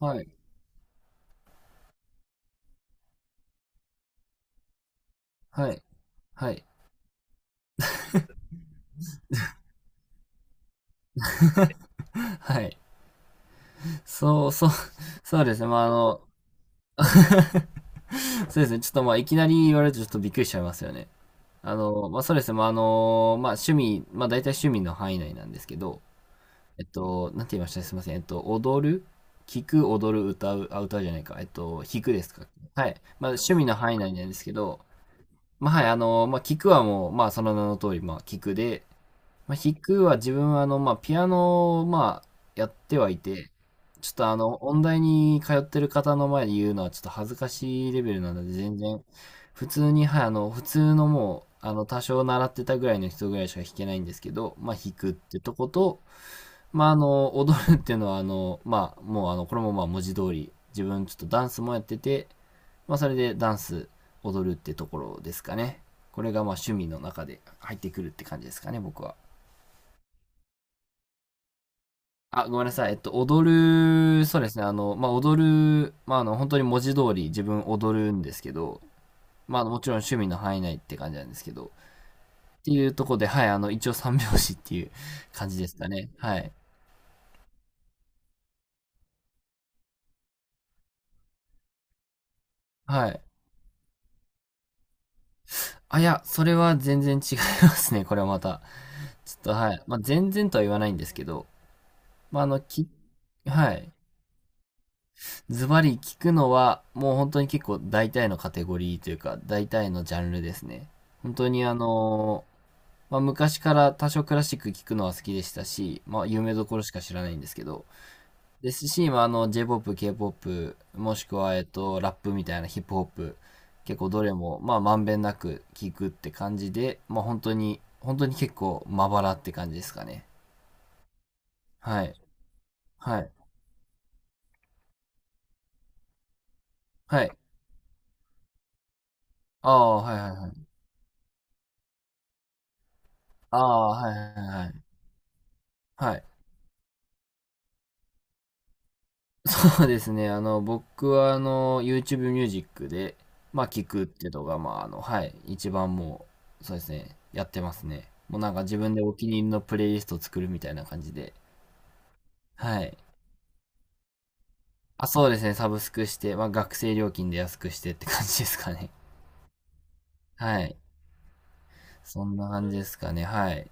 はい、はい、はい。はい。そう、そう、そうですね。そうですね。ちょっとまあ、いきなり言われるとちょっとびっくりしちゃいますよね。そうですね。趣味、大体趣味の範囲内なんですけど、なんて言いましたすいません。踊る聞く、踊る、歌う、あ、歌うじゃないか。弾くですか。はい。まあ、趣味の範囲内なんですけど、聞くはもう、その名の通り、聞くで、弾くは自分はピアノをやってはいて、ちょっとあの、音大に通ってる方の前で言うのはちょっと恥ずかしいレベルなので、全然、普通に、はい、普通のもう、あの、多少習ってたぐらいの人ぐらいしか弾けないんですけど、まあ、弾くってとこと、踊るっていうのは、あの、まあ、もうあの、これもまあ、文字通り、自分ちょっとダンスもやってて、まあ、それでダンス、踊るってところですかね。これがまあ、趣味の中で入ってくるって感じですかね、僕は。あ、ごめんなさい。踊る、そうですね。踊る、本当に文字通り自分踊るんですけど、まあ、あのもちろん趣味の範囲内って感じなんですけど、っていうとこで、はい、あの、一応三拍子っていう感じですかね。はい。はい。あ、いや、それは全然違いますね。これはまた。ちょっと、はい。まあ、全然とは言わないんですけど、まあ、あの、き、はい。ズバリ聞くのは、もう本当に結構大体のカテゴリーというか、大体のジャンルですね。本当にあのまあ、昔から多少クラシック聴くのは好きでしたし、まあ、有名どころしか知らないんですけど、ですし、J-POP、K-POP、もしくは、ラップみたいなヒップホップ、結構どれも、まあ、まんべんなく聴くって感じで、まあ、本当に、本当に結構、まばらって感じですかね。はい。はい。はい。ああ、はいはいはい。ああ、はいはいはいはい。はい。そうですね。僕はYouTube ミュージックで、まあ、聞くっていうのが、まあ、あの、はい、一番もう、そうですね、やってますね。もうなんか自分でお気に入りのプレイリストを作るみたいな感じで。はい。あ、そうですね、サブスクして、まあ、学生料金で安くしてって感じですかね。はい。そんな感じですかね、はい。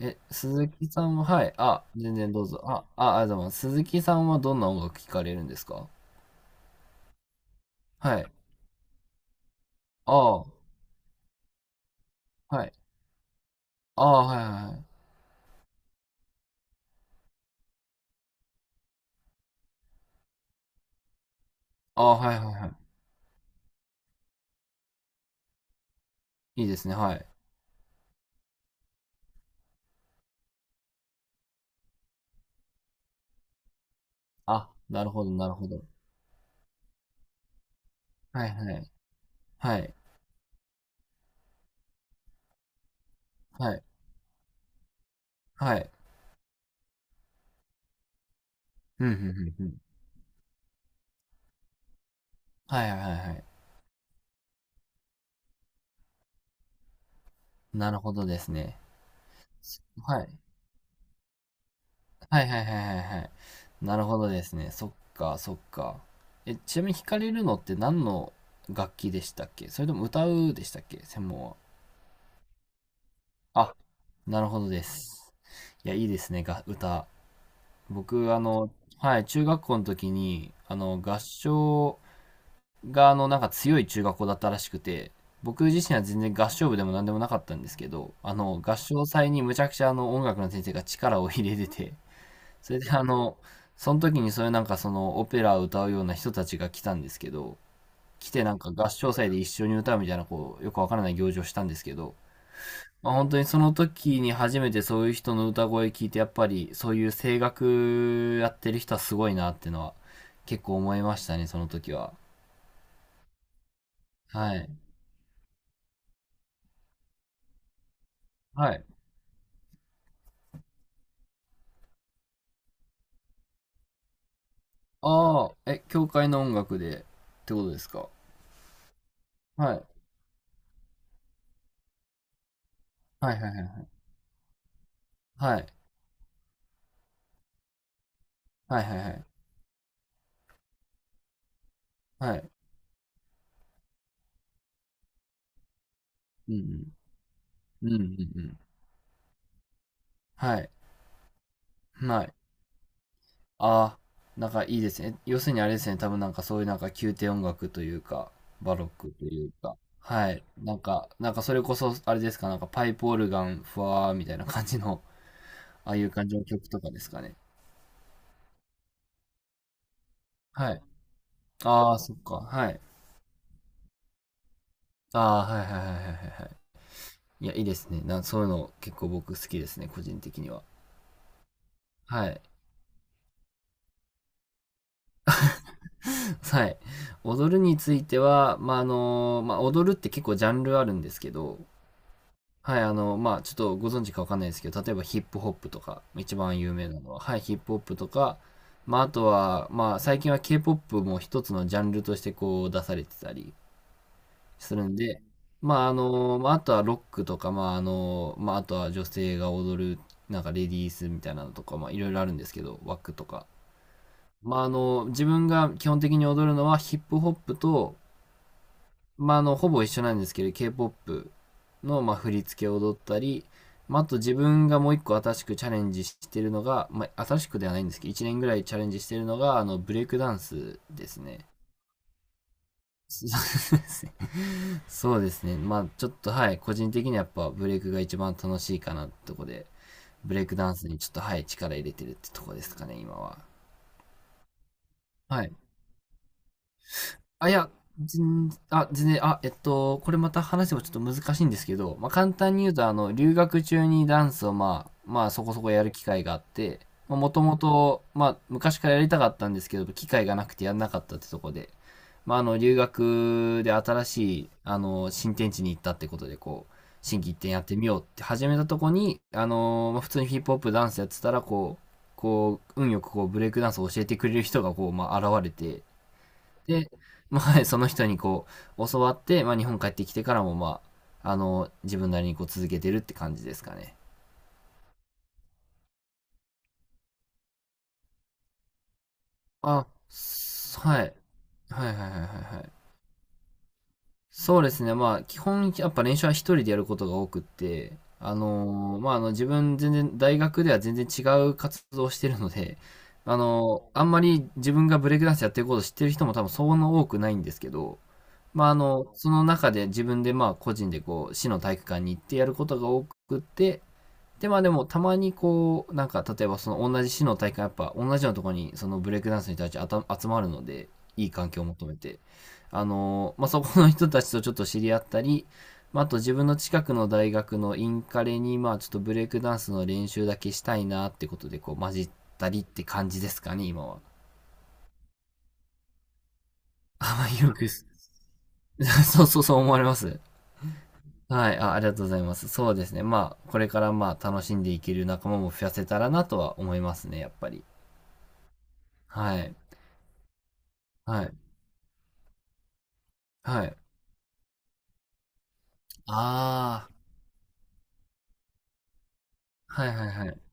え、鈴木さんは、はい。あ、全然どうぞ。でも、鈴木さんはどんな音楽聴かれるんですか？はい。ああ、はい。ああ、はいはいはい。ああ、はいはいはい。いいですね、はい。あ、なるほどなるほど。はいはい。はい。はい。はい。ふんふんふんふん。はいはいはいはい。なるほどですね。はい。はいはいはいはいはいうんふんふんふんはいはいはいはいなるほどですね。そっかそっか。え、ちなみに弾かれるのって何の楽器でしたっけ？それとも歌うでしたっけ？専門は。あ、なるほどです。いや、いいですね、が歌。僕あのはい、中学校の時に、合唱がなんか強い中学校だったらしくて、僕自身は全然合唱部でも何でもなかったんですけど、あの合唱祭にむちゃくちゃあの音楽の先生が力を入れてて、それでその時にそういうなんかそのオペラを歌うような人たちが来たんですけど、来てなんか合唱祭で一緒に歌うみたいなこう、よくわからない行事をしたんですけど、まあ、本当にその時に初めてそういう人の歌声聞いて、やっぱりそういう声楽やってる人はすごいなっていうのは結構思いましたね、その時は。はい。はい。ああ、え、教会の音楽でってことですか？はい。はいはいはい。はい。はいはいはい。はい。うんうん。うんうんうん。はい。はい。ああ、なんかいいですね。要するにあれですね。多分なんかそういうなんか宮廷音楽というか、バロックというか。はい。なんか、なんかそれこそあれですか。なんかパイプオルガン、ふわーみたいな感じの、ああいう感じの曲とかですかね。はい。ああ、そっか。はい。ああ、はいはいはいはいはいはい。いや、いいですね。な、そういうの結構僕好きですね。個人的には。はい。はい。踊るについては、踊るって結構ジャンルあるんですけど、はい、ちょっとご存知かわかんないですけど、例えばヒップホップとか、一番有名なのは、はい、ヒップホップとか、まあ、あとは、まあ、最近は K-POP も一つのジャンルとしてこう出されてたりするんで、あとはロックとか、あとは女性が踊る、なんかレディースみたいなのとか、まあ、いろいろあるんですけど、ワックとか。自分が基本的に踊るのはヒップホップと、ほぼ一緒なんですけど、K-POP の、まあ、振り付けを踊ったり、まあ、あと自分がもう一個新しくチャレンジしてるのが、まあ、新しくではないんですけど、1年ぐらいチャレンジしてるのが、ブレイクダンスですね。そうですね。そうですね。まあ、ちょっと、はい、個人的にはやっぱブレイクが一番楽しいかなってとこで、ブレイクダンスにちょっと、はい、力入れてるってとこですかね、今は。はい。あ、いや、全あ、全然、あ、えっと、これまた話せばちょっと難しいんですけど、まあ、簡単に言うと、留学中にダンスを、そこそこやる機会があって、もともと、まあ、昔からやりたかったんですけど、機会がなくてやんなかったってとこで、留学で新しい、新天地に行ったってことで、こう、新規一転やってみようって始めたとこに、あのーまあ普通にヒップホップダンスやってたら、こう、運よくこう、ブレイクダンスを教えてくれる人が、こう、まあ、現れて、で、まあ、その人にこう、教わって、まあ、日本帰ってきてからも、自分なりにこう続けてるって感じですかね。あ、すはい。はいはいはいはいはい。そうですね。まあ、基本、やっぱ練習は一人でやることが多くって、自分全然、大学では全然違う活動をしてるので、あのーあんまり自分がブレイクダンスやってることを知ってる人も多分そんな多くないんですけど、その中で自分でまあ、個人でこう、市の体育館に行ってやることが多くって、で、まあでも、たまにこう、なんか、例えばその同じ市の大会、やっぱ同じようなところに、そのブレイクダンスの人たち集まるので、いい環境を求めて、あのーまあそこの人たちとちょっと知り合ったり、まああと自分の近くの大学のインカレに、まあちょっとブレイクダンスの練習だけしたいなってことで、こう、混じったりって感じですかね、今は。あ、まあよくす、そうそうそう思われます。はい、あ、ありがとうございます。そうですね。まあ、これからまあ、楽しんでいける仲間も増やせたらなとは思いますね、やっぱり。はい。はい。はい。ああ、はいはいはい。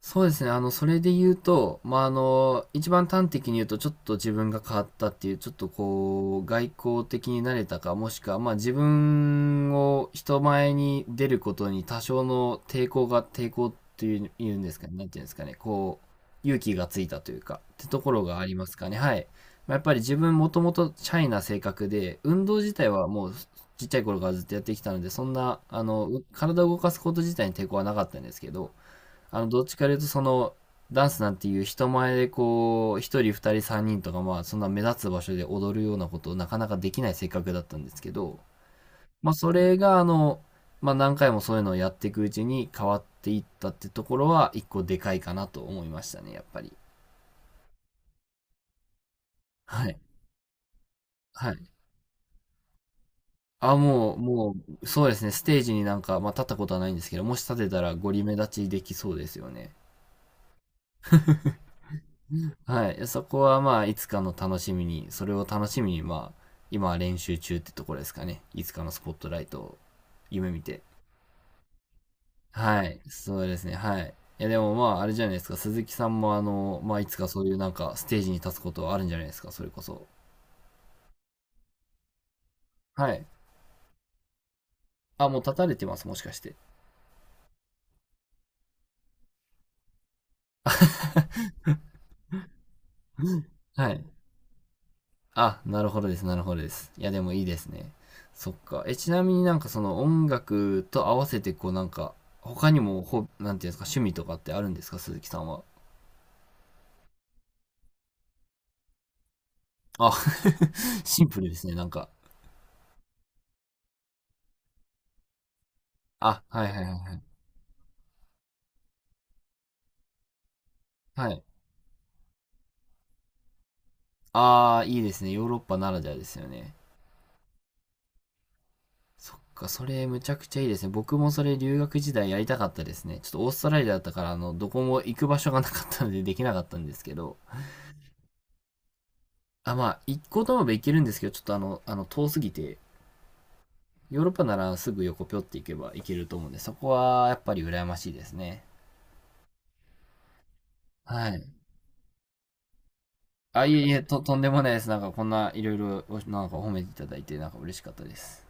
そうですね。それで言うと、一番端的に言うと、ちょっと自分が変わったっていう、ちょっとこう、外交的になれたか、もしくは、まあ、自分を人前に出ることに多少の抵抗が、抵抗っていう、言うんですかね。なんていうんですかね。こう、勇気がついたというか、ってところがありますかね。はい。まあ、やっぱり自分もともとシャイな性格で、運動自体はもう、ちっちゃい頃からずっとやってきたので、そんな、あの、体を動かすこと自体に抵抗はなかったんですけど、どっちかというとその、ダンスなんていう人前でこう、一人二人三人とかまあ、そんな目立つ場所で踊るようなことをなかなかできない性格だったんですけど、まあそれがあの、まあ何回もそういうのをやっていくうちに変わっていったってところは一個でかいかなと思いましたね、やっぱり。はい。はい。あ、もう、もう、そうですね、ステージになんか、まあ立ったことはないんですけど、もし立てたらゴリ目立ちできそうですよね。はい。そこはまあ、いつかの楽しみに、それを楽しみに、まあ、今は練習中ってところですかね。いつかのスポットライトを夢見て。はい。そうですね。はい。いや、でもまあ、あれじゃないですか。鈴木さんもまあ、いつかそういうなんか、ステージに立つことはあるんじゃないですか。それこそ。はい。あ、もう立たれてます。もしかして。はい。あ、なるほどです。なるほどです。いや、でもいいですね。そっか。え、ちなみになんかその音楽と合わせて、こうなんか、他にも、なんていうんですか、趣味とかってあるんですか、鈴木さんは。あ、シンプルですね、なんか。あ、はいはいはいはい。はい。ああ、いいですね。ヨーロッパならではですよね。そっか、それむちゃくちゃいいですね。僕もそれ留学時代やりたかったですね。ちょっとオーストラリアだったから、どこも行く場所がなかったのでできなかったんですけど。あ、まあ、行こうと思えば行けるんですけど、ちょっとあの、あの、遠すぎて、ヨーロッパならすぐ横ぴょって行けば行けると思うんで、そこはやっぱり羨ましいですね。はい。あ、いえいえ、とんでもないです。なんかこんないろいろ、なんか褒めていただいて、なんか嬉しかったです。